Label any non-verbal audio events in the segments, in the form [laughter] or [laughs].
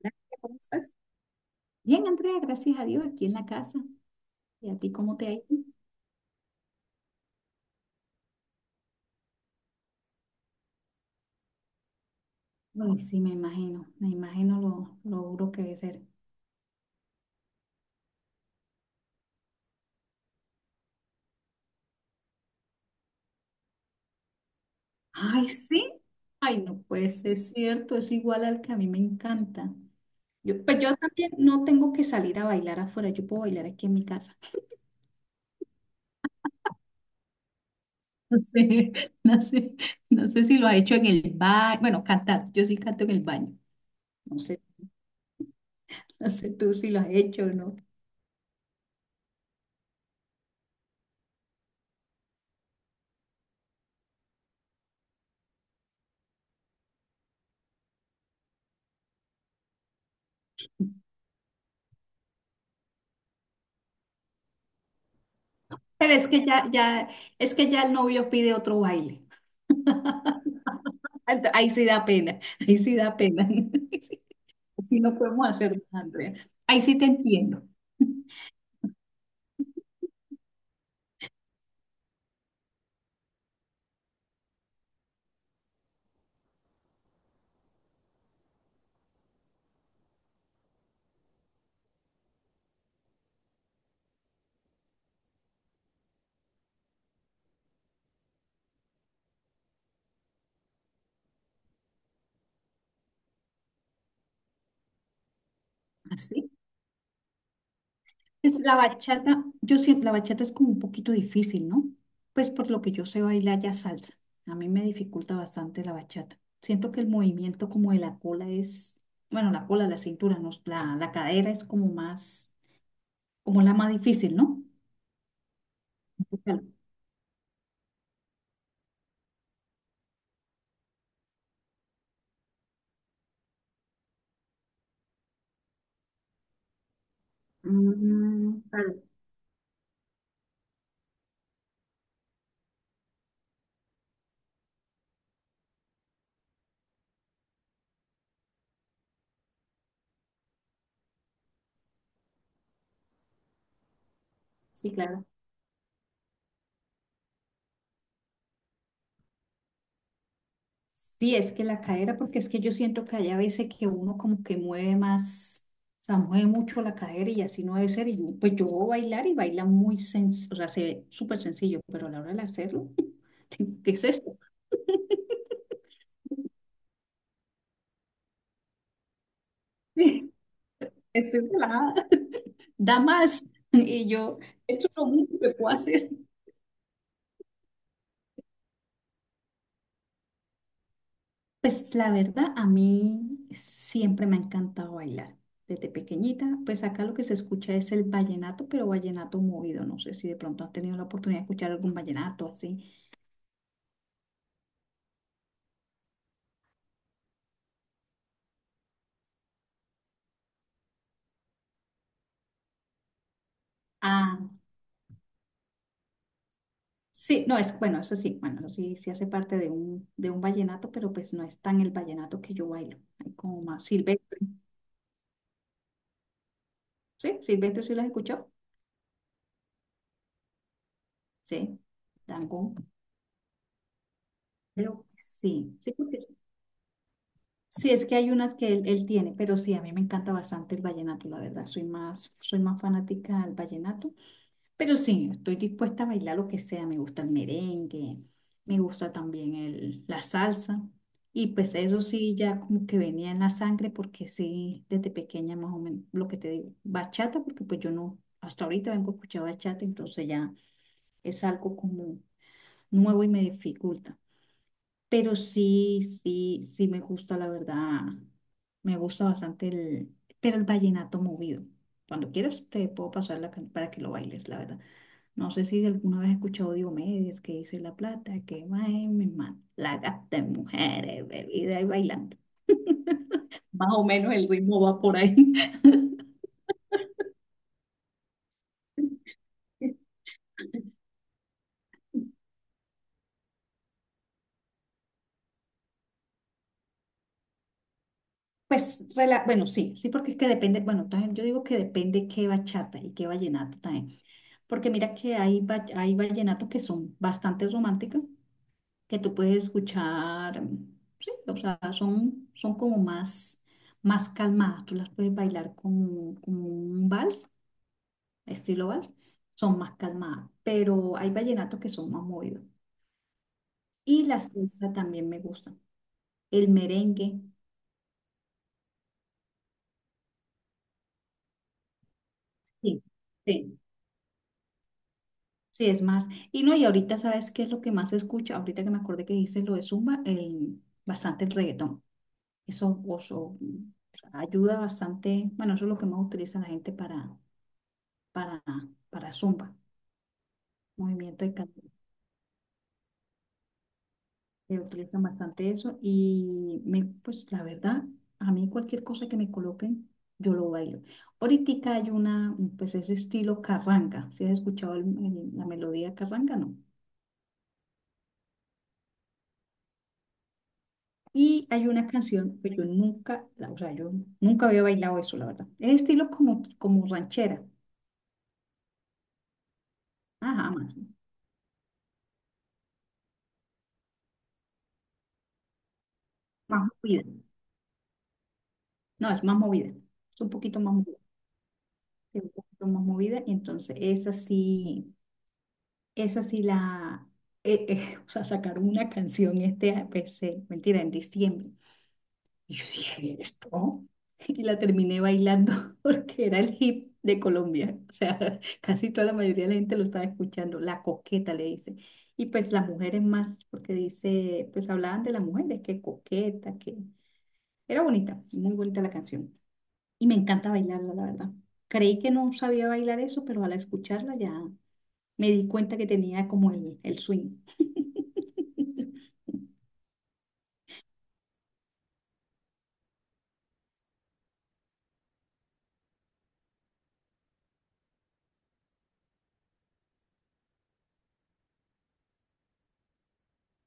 Gracias, ¿cómo estás? Bien, Andrea, gracias a Dios, aquí en la casa. ¿Y a ti cómo te ha ido? Ay, sí, me imagino lo duro que debe ser. Ay, sí. Ay, no puede ser cierto, es igual al que a mí me encanta. Yo, pues yo también no tengo que salir a bailar afuera, yo puedo bailar aquí en mi casa. [laughs] No sé, no sé, no sé si lo has hecho en el baño. Bueno, cantar, yo sí canto en el baño. No sé, no sé tú si lo has hecho o no. Pero es que ya, ya, es que ya el novio pide otro baile. Ahí sí da pena, [laughs] ahí sí da pena. [laughs] Así no podemos hacer nada, Andrea. Ahí sí te entiendo. [laughs] Así es la bachata. Yo siento la bachata es como un poquito difícil, ¿no? Pues por lo que yo sé bailar ya salsa. A mí me dificulta bastante la bachata. Siento que el movimiento como de la cola es, bueno, la cola, la cintura, no, la cadera es como más, como la más difícil, ¿no? Claro. Mm, claro, sí, claro. Sí, es que la cadera, porque es que yo siento que hay a veces que uno como que mueve más, o sea, mueve mucho la cadera y así no debe ser. Y yo, pues yo voy a bailar y baila muy sencillo, o sea, se ve súper sencillo, pero a la hora de hacerlo, [laughs] digo, ¿qué es esto? [laughs] Estoy relajada, da más. [laughs] Y yo, esto es lo único que puedo hacer. Pues la verdad, a mí siempre me ha encantado bailar. Desde pequeñita, pues acá lo que se escucha es el vallenato, pero vallenato movido. No sé si de pronto has tenido la oportunidad de escuchar algún vallenato así. Ah, sí, no, es, bueno, eso sí, sí hace parte de un vallenato, pero pues no es tan el vallenato que yo bailo, hay como más silvestre, ¿sí? ¿Silvestre sí las escuchó? Sí, tango, pero sí, sí, porque sí. Sí, es que hay unas que él tiene, pero sí, a mí me encanta bastante el vallenato, la verdad, soy más fanática del vallenato. Pero sí, estoy dispuesta a bailar lo que sea. Me gusta el merengue, me gusta también el, la salsa. Y pues eso sí, ya como que venía en la sangre, porque sí, desde pequeña más o menos, lo que te digo, bachata, porque pues yo no, hasta ahorita vengo a escuchar bachata, entonces ya es algo como nuevo y me dificulta. Pero sí, sí, sí me gusta, la verdad. Me gusta bastante el, pero el vallenato movido. Cuando quieras te puedo pasar la para que lo bailes, la verdad. No sé si alguna vez has escuchado Diomedes que dice la plata que va en mi mano, la gasta en mujeres, bebida y bailando. Más o menos el ritmo va por ahí. [laughs] Pues, bueno, sí, sí, porque es que depende, bueno, también yo digo que depende qué bachata y qué vallenato también, porque mira que hay, hay vallenatos que son bastante románticos que tú puedes escuchar, sí, o sea, son, son como más, más calmadas, tú las puedes bailar como, como un vals, estilo vals, son más calmadas, pero hay vallenatos que son más movidos. Y la salsa también me gusta, el merengue, sí, sí, sí, es más. Y no, y ahorita sabes qué es lo que más se escucha, ahorita que me acordé que dices lo de Zumba, el, bastante el reggaetón, eso ayuda bastante, bueno, eso es lo que más utiliza la gente para, para Zumba, movimiento de cadera. Que utilizan bastante eso y me, pues la verdad, a mí cualquier cosa que me coloquen, yo lo bailo. Ahorita hay una, pues ese estilo carranga, si has escuchado la melodía carranga. No. Y hay una canción que yo nunca, o sea, yo nunca había bailado eso, la verdad. Es estilo como, como ranchera, ajá, más, más movida. No, es más movida, es un poquito más movida, es un poquito más movida, entonces es así. Esa sí la, [laughs] o sea, sacaron una canción este, pues, mentira, en diciembre. Y yo dije, ¿esto? Y la terminé bailando [laughs] porque era el hip de Colombia. O sea, [laughs] casi toda la mayoría de la gente lo estaba escuchando. La coqueta le dice. Y pues las mujeres más, porque dice, pues hablaban de las mujeres, que coqueta, que era bonita, muy bonita la canción. Y me encanta bailarla, la verdad. Creí que no sabía bailar eso, pero al escucharla ya me di cuenta que tenía como el swing.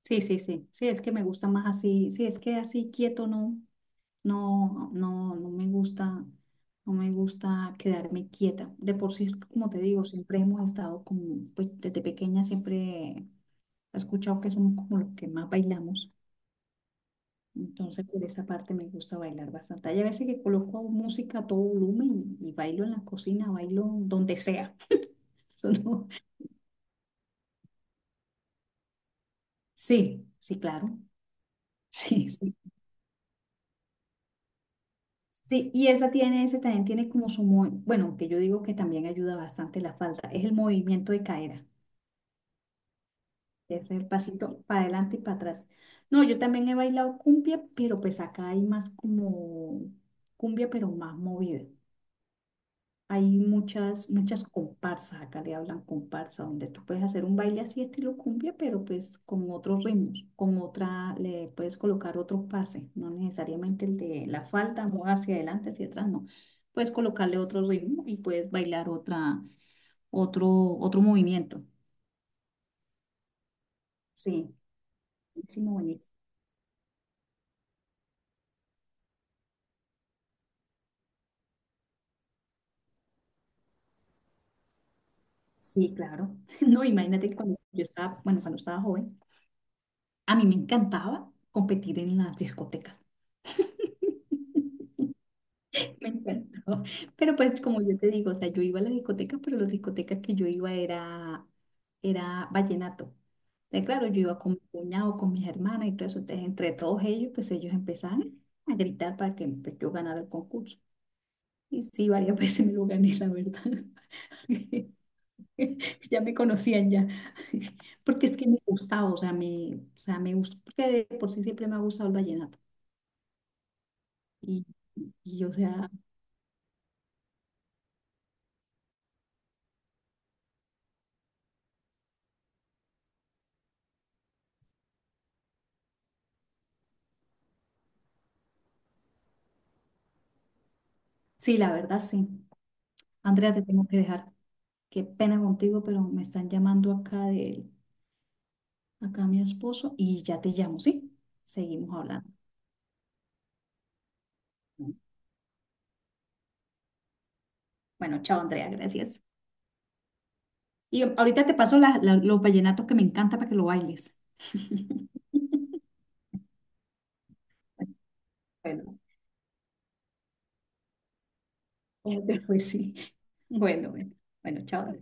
Sí, sí, sí, sí, es que me gusta más así, sí, es que así quieto no, no, no, no me gusta, no me gusta quedarme quieta. De por sí, es como te digo, siempre hemos estado como, pues desde pequeña siempre he escuchado que somos como los que más bailamos, entonces por esa parte me gusta bailar bastante. Hay a veces que coloco música a todo volumen y bailo en la cocina, bailo donde sea. [laughs] Eso no- Sí, sí, claro, sí, sí. Sí, y esa tiene, ese también tiene como su, bueno, que yo digo que también ayuda bastante la falda, es el movimiento de cadera, es el pasito para adelante y para atrás. No, yo también he bailado cumbia, pero pues acá hay más como cumbia, pero más movida. Hay muchas, muchas comparsas, acá le hablan comparsa, donde tú puedes hacer un baile así estilo cumbia, pero pues con otros ritmos, con otra, le puedes colocar otro pase, no necesariamente el de la falda, no hacia adelante, hacia atrás, no. Puedes colocarle otro ritmo y puedes bailar otra, otro, otro movimiento. Sí, buenísimo, buenísimo. Sí, claro. [laughs] No, imagínate que cuando yo estaba, bueno, cuando estaba joven, a mí me encantaba competir en las discotecas. [laughs] [laughs] Me encantó. Pero pues como yo te digo, o sea, yo iba a la discoteca, pero las discotecas que yo iba era, era vallenato. Claro, yo iba con mi cuñado, con mis hermanas y todo eso. Entonces, entre todos ellos, pues ellos empezaban a gritar para que pues, yo ganara el concurso. Y sí, varias [laughs] veces me lo gané, la verdad. [laughs] Ya me conocían ya. [laughs] Porque es que me gustaba, o sea, me gusta, porque de por sí siempre me ha gustado el vallenato. Y, y, o sea, sí, la verdad, sí. Andrea, te tengo que dejar. Qué pena contigo, pero me están llamando acá de acá mi esposo y ya te llamo, ¿sí? Seguimos hablando. Bueno, chao Andrea, gracias. Y ahorita te paso los vallenatos que me encanta para que lo bailes. [laughs] Bueno, después sí. Bueno, bueno, bueno, chao.